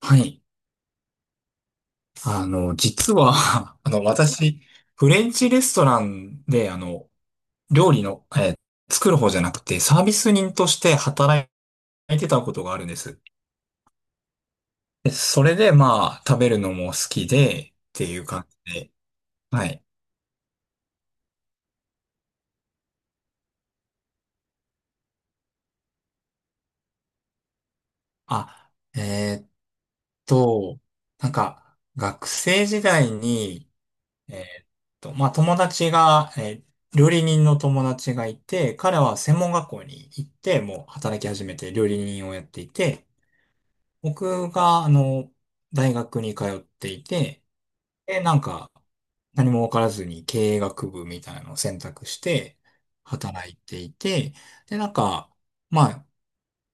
はい。実は、私、フレンチレストランで、料理の、作る方じゃなくて、サービス人として働いてたことがあるんです。で、それで、まあ、食べるのも好きで、っていう感じで、はい。あ、えーっと、なんか、学生時代に、えーっまあ、友達が、料理人の友達がいて、彼は専門学校に行って、もう働き始めて料理人をやっていて、僕が、大学に通っていて、で、なんか、何も分からずに経営学部みたいなのを選択して働いていて、で、なんか、まあ、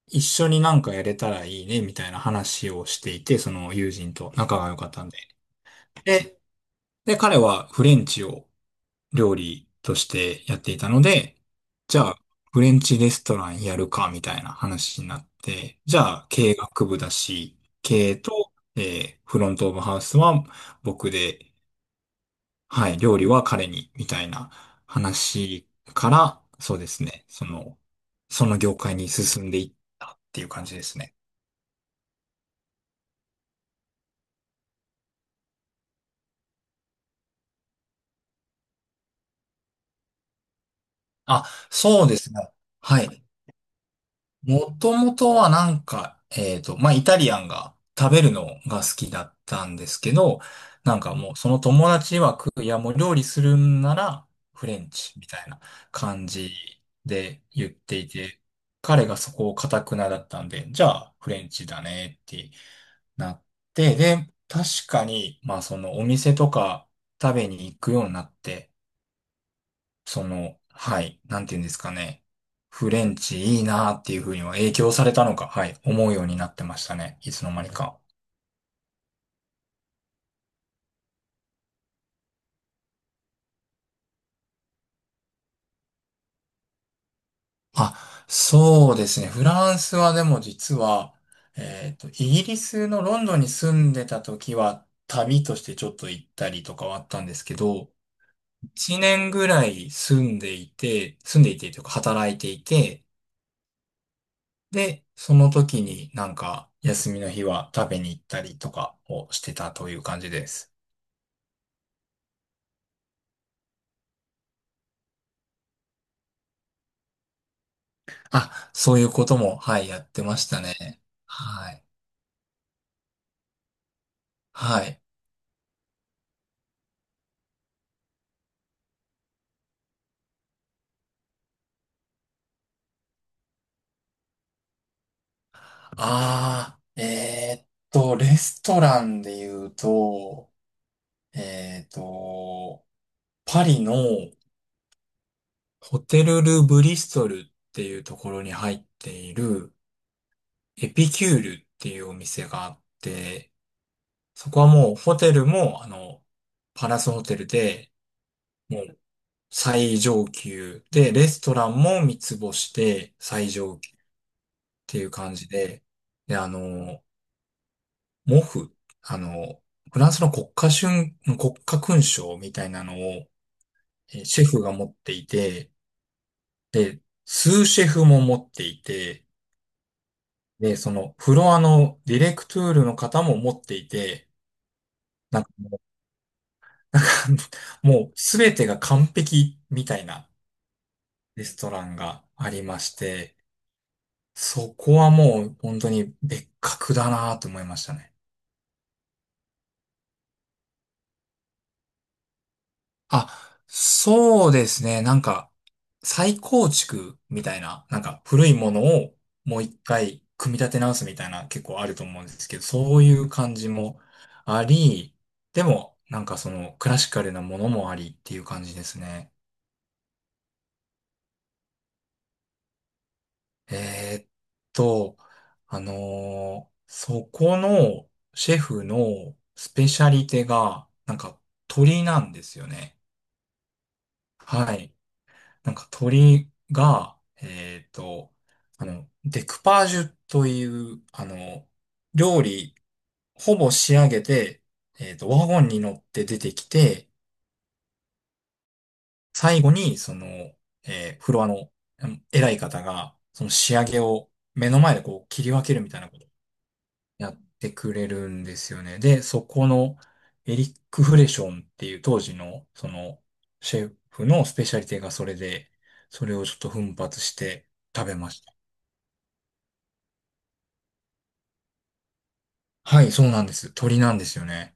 一緒になんかやれたらいいね、みたいな話をしていて、その友人と仲が良かったんで。で、で、彼はフレンチを料理としてやっていたので、じゃあ、フレンチレストランやるか、みたいな話になって、じゃあ、経営学部だし、経営と、フロントオブハウスは僕で、はい、料理は彼に、みたいな話から、そうですね、その業界に進んでいったっていう感じですね。あ、そうですね。はい。もともとはなんか、まあ、イタリアンが食べるのが好きだったんですけど、なんかもうその友達曰く、いやもう料理するんならフレンチみたいな感じで言っていて、彼がそこを頑くなだったんで、じゃあフレンチだねってなって、で、確かに、まあそのお店とか食べに行くようになって、その、はい、なんて言うんですかね。フレンチいいなーっていうふうには影響されたのか、はい、思うようになってましたね。いつの間にか。あ、そうですね。フランスはでも実は、イギリスのロンドンに住んでた時は、旅としてちょっと行ったりとかはあったんですけど、1年ぐらい住んでいて、住んでいてというか働いていて、で、その時になんか休みの日は食べに行ったりとかをしてたという感じです。あ、そういうことも、はい、やってましたね。はい。はい。ああ、レストランで言うと、えーっと、パリのホテル・ル・ブリストルっていうところに入っているエピキュールっていうお店があって、そこはもうホテルも、パラスホテルで、もう最上級で、レストランも三つ星で最上級。ていう感じで、で、あの、モフ、あの、フランスの国家勲章みたいなのを、シェフが持っていて、で、スーシェフも持っていて、で、そのフロアのディレクトゥールの方も持っていて、なんかもう、なんかもうすべてが完璧みたいなレストランがありまして、そこはもう本当に別格だなと思いましたね。あ、そうですね。なんか、再構築みたいな、なんか古いものをもう一回組み立て直すみたいな結構あると思うんですけど、そういう感じもあり、でも、なんかそのクラシカルなものもありっていう感じですね。えーっと、あのそこのシェフのスペシャリテが、なんか鳥なんですよね。はい。なんか鳥が、デクパージュという、料理、ほぼ仕上げて、ワゴンに乗って出てきて、最後に、その、フロアのうん偉い方が、その仕上げを目の前でこう切り分けるみたいなことをやってくれるんですよね。で、そこのエリック・フレションっていう当時の、その、シェフのスペシャリティがそれで、それをちょっと奮発して食べました。はい、そうなんです。鶏なんですよね。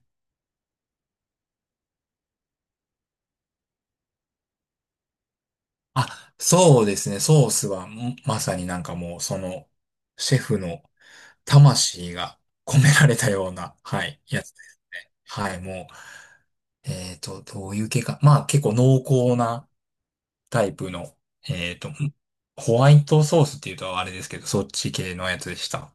あ、そうですね。ソースは、まさになんかもう、その、シェフの魂が込められたような、はい、やつで。はい、もう、どういう系か。まあ、結構濃厚なタイプの、えっと、んホワイトソースっていうとあれですけど、そっち系のやつでした。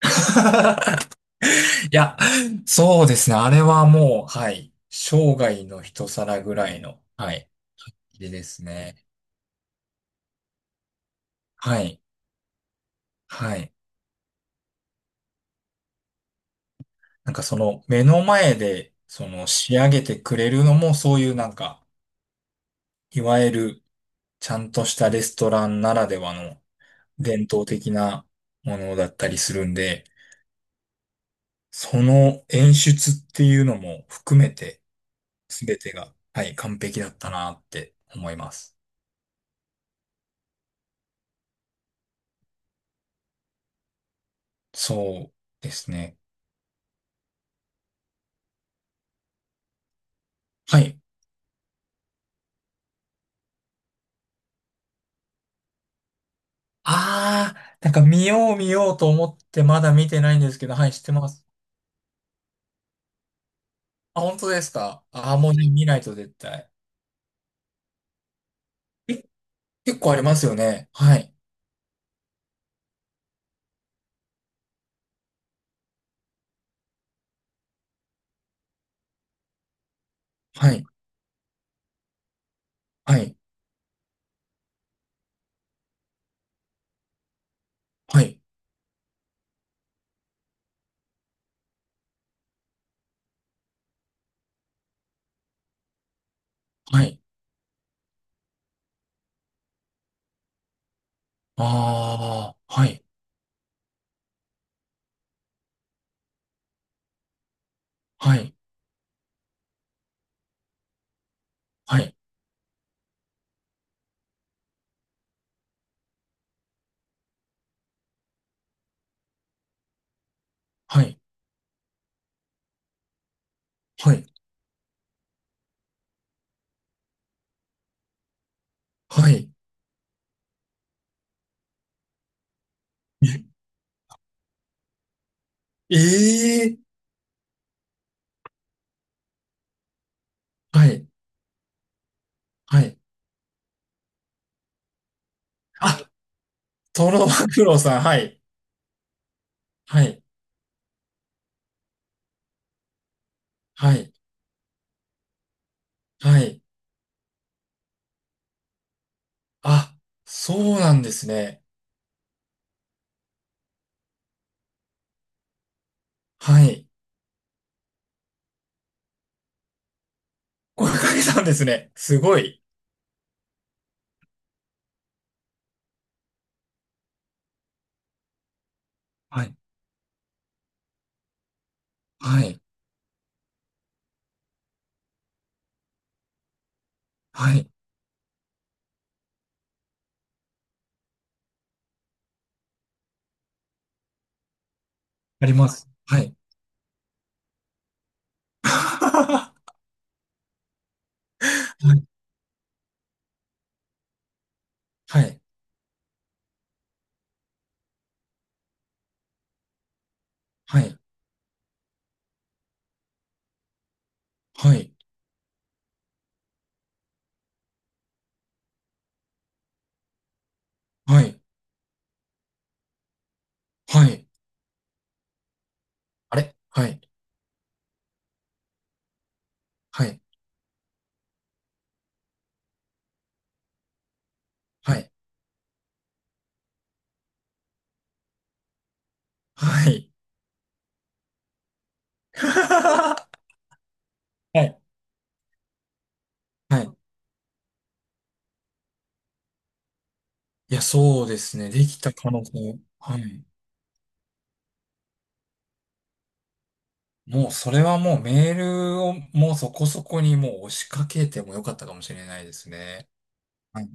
いや、そうですね。あれはもう、はい、生涯の一皿ぐらいの、はい、入れですね。はい。はい。なんかその目の前でその仕上げてくれるのもそういうなんか、いわゆるちゃんとしたレストランならではの伝統的なものだったりするんで、その演出っていうのも含めて全てが、はい、完璧だったなって思います。そうですね。はい。ああ、なんか見よう見ようと思ってまだ見てないんですけど、はい、知ってます。あ、本当ですかああー、もうね見ないと絶対。結構ありますよね。はい。はい。はい。はい。はい。ああ、はい。はい。はい。はい。はい。はい。えええはい。はい。あ、トロマグロさん。はい。はい。はい。はい。あ、そうなんですね。はい。これかけたんですね。すごい。はい。はい。はい。あります。はい。はい。はい。はい。はい。はい。はい。あれはい。はい。はい。はい。はい。はい。いや、そうですね。できた可能性。はい。もう、それはもうメールをもうそこそこにもう押しかけてもよかったかもしれないですね。はい。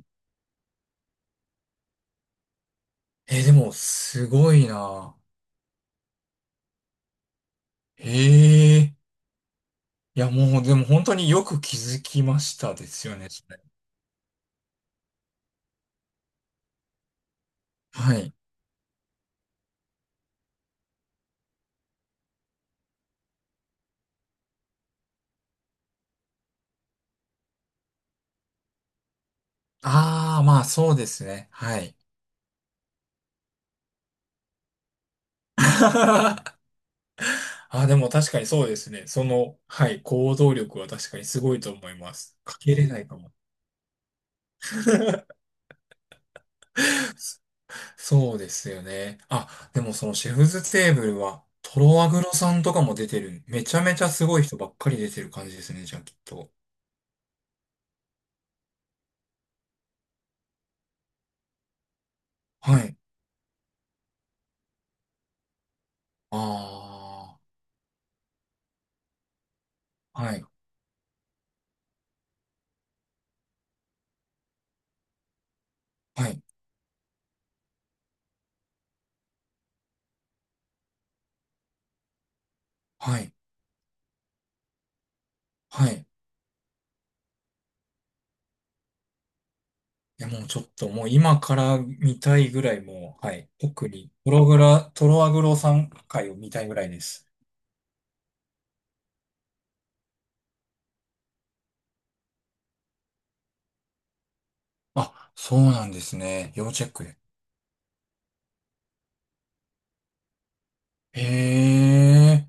でも、すごいな。へえ。いや、もう、でも本当によく気づきましたですよね、それ。はい。ああ、まあ、そうですね。はい。あ、でも確かにそうですね。その、はい、行動力は確かにすごいと思います。かけれないかも。そうですよね。あ、でもそのシェフズテーブルは、トロワグロさんとかも出てる。めちゃめちゃすごい人ばっかり出てる感じですね、じゃあきっと。はい。ああ、はい、はい、はい、はい。いや、もうちょっともう今から見たいぐらいもう、はい。特に、トロワグロさん回を見たいぐらいです。あ、そうなんですね。要チェックで。へえ。